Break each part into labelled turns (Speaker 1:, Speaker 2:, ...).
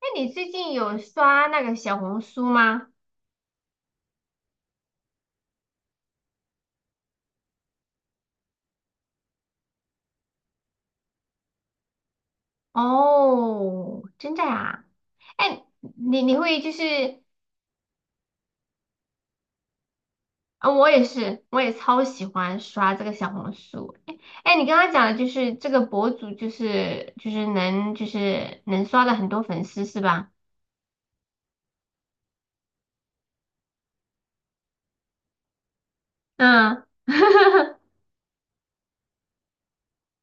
Speaker 1: 那你最近有刷那个小红书吗？哦，真的呀？哎，你会就是。嗯，我也是，我也超喜欢刷这个小红书。哎，哎，你刚刚讲的就是这个博主，就是能能刷到很多粉丝是吧？嗯，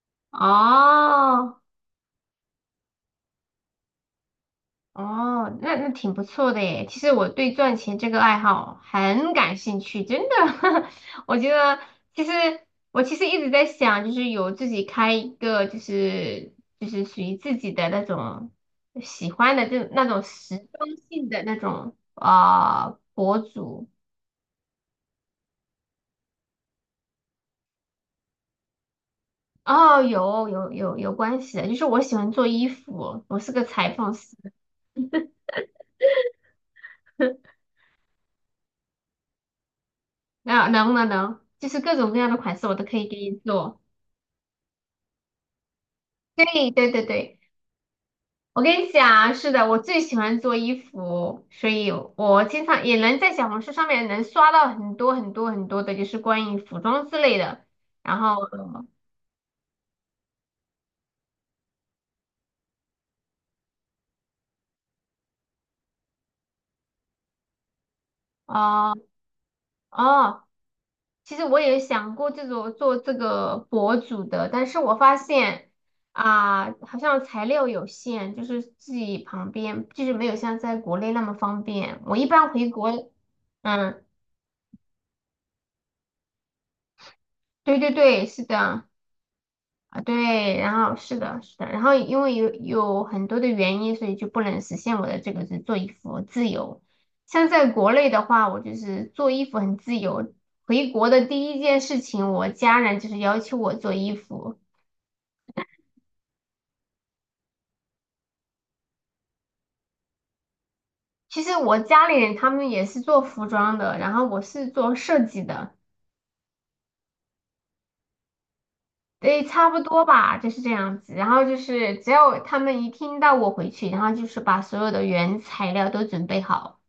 Speaker 1: 哦，哦，那挺不错的耶。其实我对赚钱这个爱好很感兴趣，真的。我觉得其实我其实一直在想，就是有自己开一个，就是属于自己的那种喜欢的那种时装性的那种博主。哦，有关系的，就是我喜欢做衣服，我是个裁缝师。那能，就是各种各样的款式我都可以给你做。对对对对。我跟你讲啊，是的，我最喜欢做衣服，所以我经常也能在小红书上面能刷到很多很多很多的，就是关于服装之类的。然后。哦哦，其实我也想过这种做这个博主的，但是我发现啊，好像材料有限，就是自己旁边就是没有像在国内那么方便。我一般回国。嗯，对对对，是的。啊，对，然后是的，是的，然后因为有很多的原因，所以就不能实现我的这个是做衣服自由。像在国内的话，我就是做衣服很自由。回国的第一件事情，我家人就是要求我做衣服。其实我家里人他们也是做服装的，然后我是做设计的。对，差不多吧，就是这样子。然后就是只要他们一听到我回去，然后就是把所有的原材料都准备好。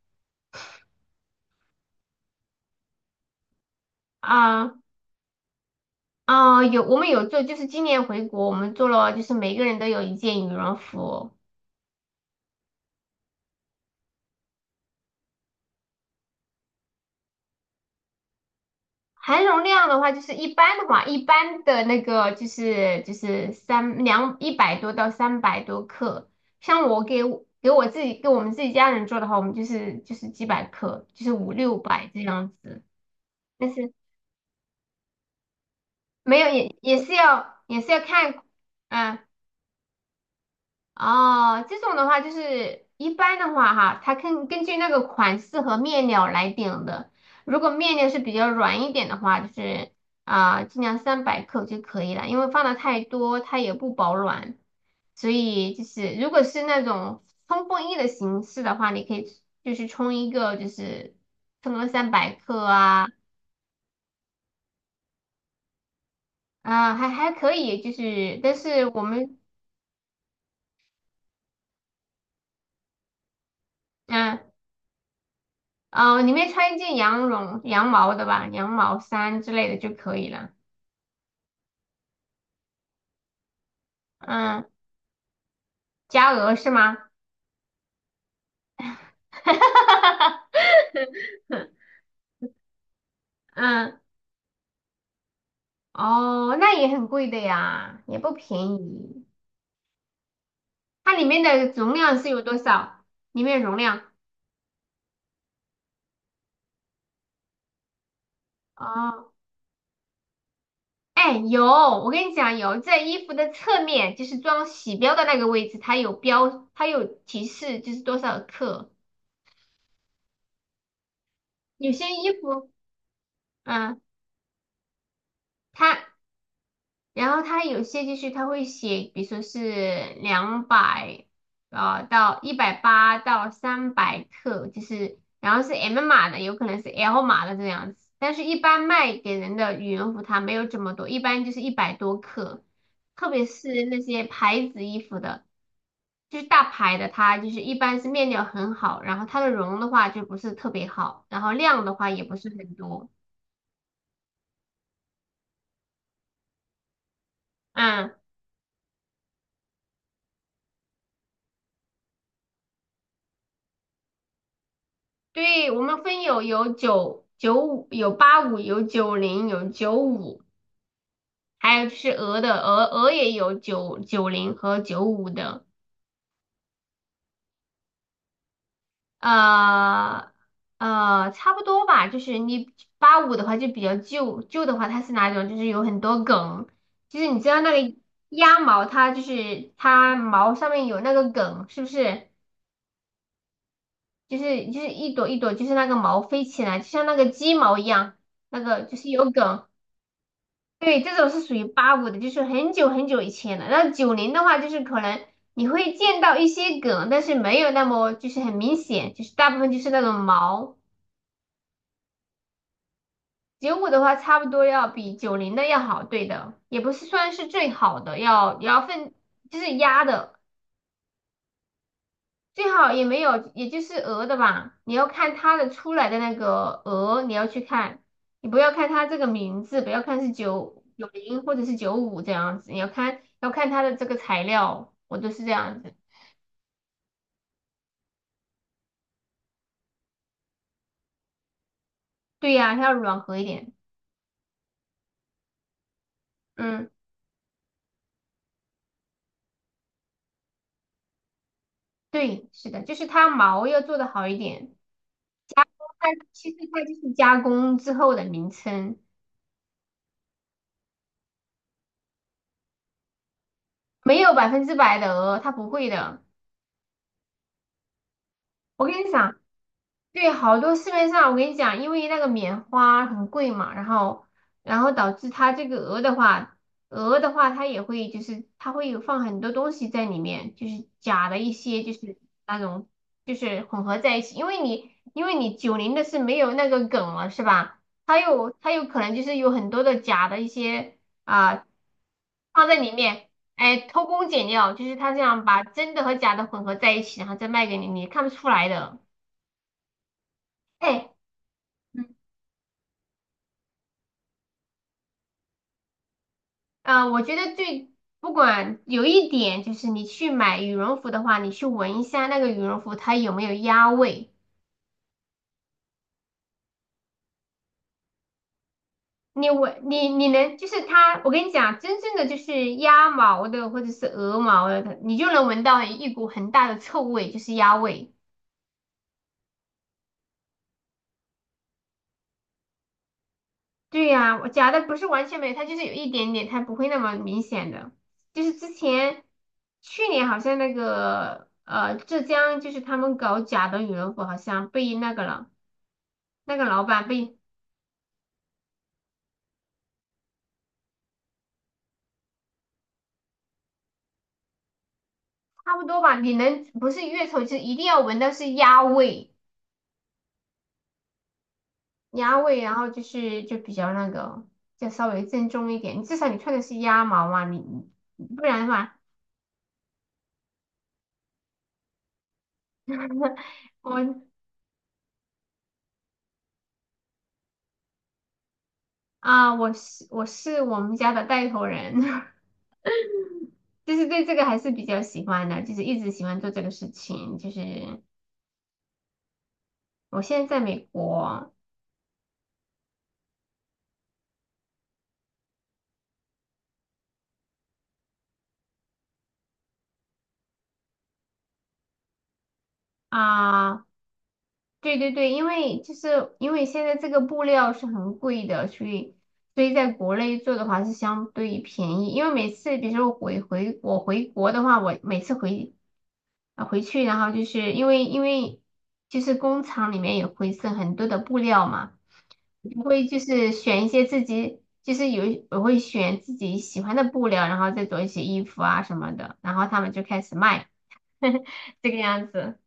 Speaker 1: 啊，有我们有做，就是今年回国，我们做了，就是每个人都有一件羽绒服。含绒量的话，就是一般的话，一般的那个就是三两一百多到300多克，像我给我自己给我们自己家人做的话，我们就是几百克，就是五六百这样子，但是没有也是要也是要看。嗯。哦，这种的话就是一般的话哈，它根据那个款式和面料来定的。如果面料是比较软一点的话，就是尽量三百克就可以了，因为放的太多它也不保暖。所以就是如果是那种冲锋衣的形式的话，你可以就是冲一个就是冲个三百克啊。还可以，就是但是我们。嗯，哦，里面穿一件羊绒、羊毛的吧，羊毛衫之类的就可以了。嗯，加鹅是吗？嗯，哦，那也很贵的呀，也不便宜。它里面的容量是有多少？里面容量？哦，哎，有，我跟你讲，有在衣服的侧面，就是装洗标的那个位置，它有标，它有提示，就是多少克。有些衣服，嗯，它。然后它有些就是它会写，比如说是两百到180到三百克，就是然后是 M 码的，有可能是 L 码的这样子。但是，一般卖给人的羽绒服它没有这么多，一般就是100多克，特别是那些牌子衣服的，就是大牌的，它就是一般是面料很好，然后它的绒的话就不是特别好，然后量的话也不是很多。嗯。对，我们分有九九五，有八五，有九零，有九五，还有就是鹅的鹅也有九九零和九五的。呃差不多吧。就是你八五的话就比较旧，旧的话它是哪种？就是有很多梗，就是你知道那个鸭毛，它就是它毛上面有那个梗，是不是？就是一朵一朵，就是那个毛飞起来，就像那个鸡毛一样，那个就是有梗。对，这种是属于八五的，就是很久很久以前了。那九零的话，就是可能你会见到一些梗，但是没有那么就是很明显，就是大部分就是那种毛。九五的话，差不多要比九零的要好，对的，也不是算是最好的，要也要分就是压的。最好也没有，也就是鹅的吧。你要看它的出来的那个鹅，你要去看，你不要看它这个名字，不要看是九九零或者是九五这样子，你要看它的这个材料，我都是这样子。对呀，它要软和一点。嗯，对，是的，就是它毛要做的好一点。它其实它就是加工之后的名称，没有100%的鹅，它不会的。我跟你讲，对，好多市面上我跟你讲，因为那个棉花很贵嘛，然后导致它这个鹅的话，鹅的话它也会就是它会有放很多东西在里面，就是假的一些就是那种就是混合在一起，因为你九零的是没有那个梗了是吧？它有可能就是有很多的假的一些啊、放在里面。哎，偷工减料，就是它这样把真的和假的混合在一起，然后再卖给你，你看不出来的。哎。我觉得最不管有一点就是，你去买羽绒服的话，你去闻一下那个羽绒服它有没有鸭味。你闻你你能就是它，我跟你讲，真正的就是鸭毛的或者是鹅毛的，它你就能闻到一股很大的臭味，就是鸭味。对呀，我假的不是完全没有，它就是有一点点，它不会那么明显的。就是之前去年好像那个浙江，就是他们搞假的羽绒服，好像被那个了。那个老板被差不多吧。你能不是越臭，就是一定要闻到是鸭味，鸭味，然后就是就比较那个，就稍微正宗一点。至少你穿的是鸭毛嘛，你不然的话。我我是我们家的带头人，就是对这个还是比较喜欢的，就是一直喜欢做这个事情。就是我现在在美国。啊。对对对，因为因为现在这个布料是很贵的，所以在国内做的话是相对便宜。因为每次，比如说我我回国的话，我每次回去，然后就是因为就是工厂里面也会剩很多的布料嘛，我会就是选一些自己就是我会选自己喜欢的布料，然后再做一些衣服啊什么的，然后他们就开始卖，这个样子。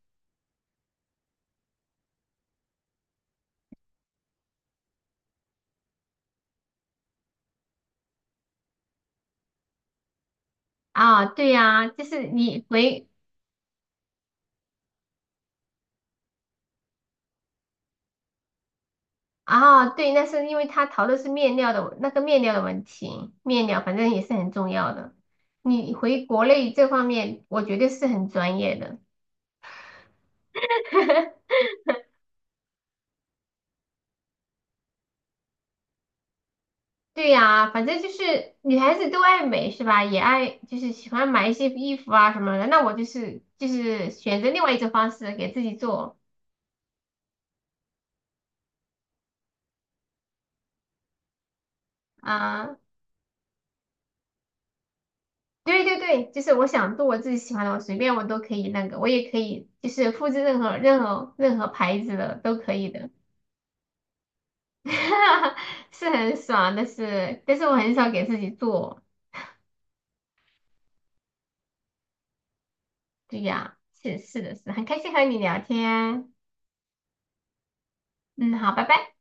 Speaker 1: 啊，对呀，就是你回。啊，对，那是因为他淘的是面料的问题，面料反正也是很重要的。你回国内这方面，我觉得是很专业的。对呀，反正就是女孩子都爱美是吧？也爱就是喜欢买一些衣服啊什么的。那我就是选择另外一种方式给自己做。啊，对对对，就是我想做我自己喜欢的，我随便我都可以那个，我也可以就是复制任何牌子的都可以的。是很爽，但是我很少给自己做。对呀，是是的是，很开心和你聊天。嗯，好，拜拜。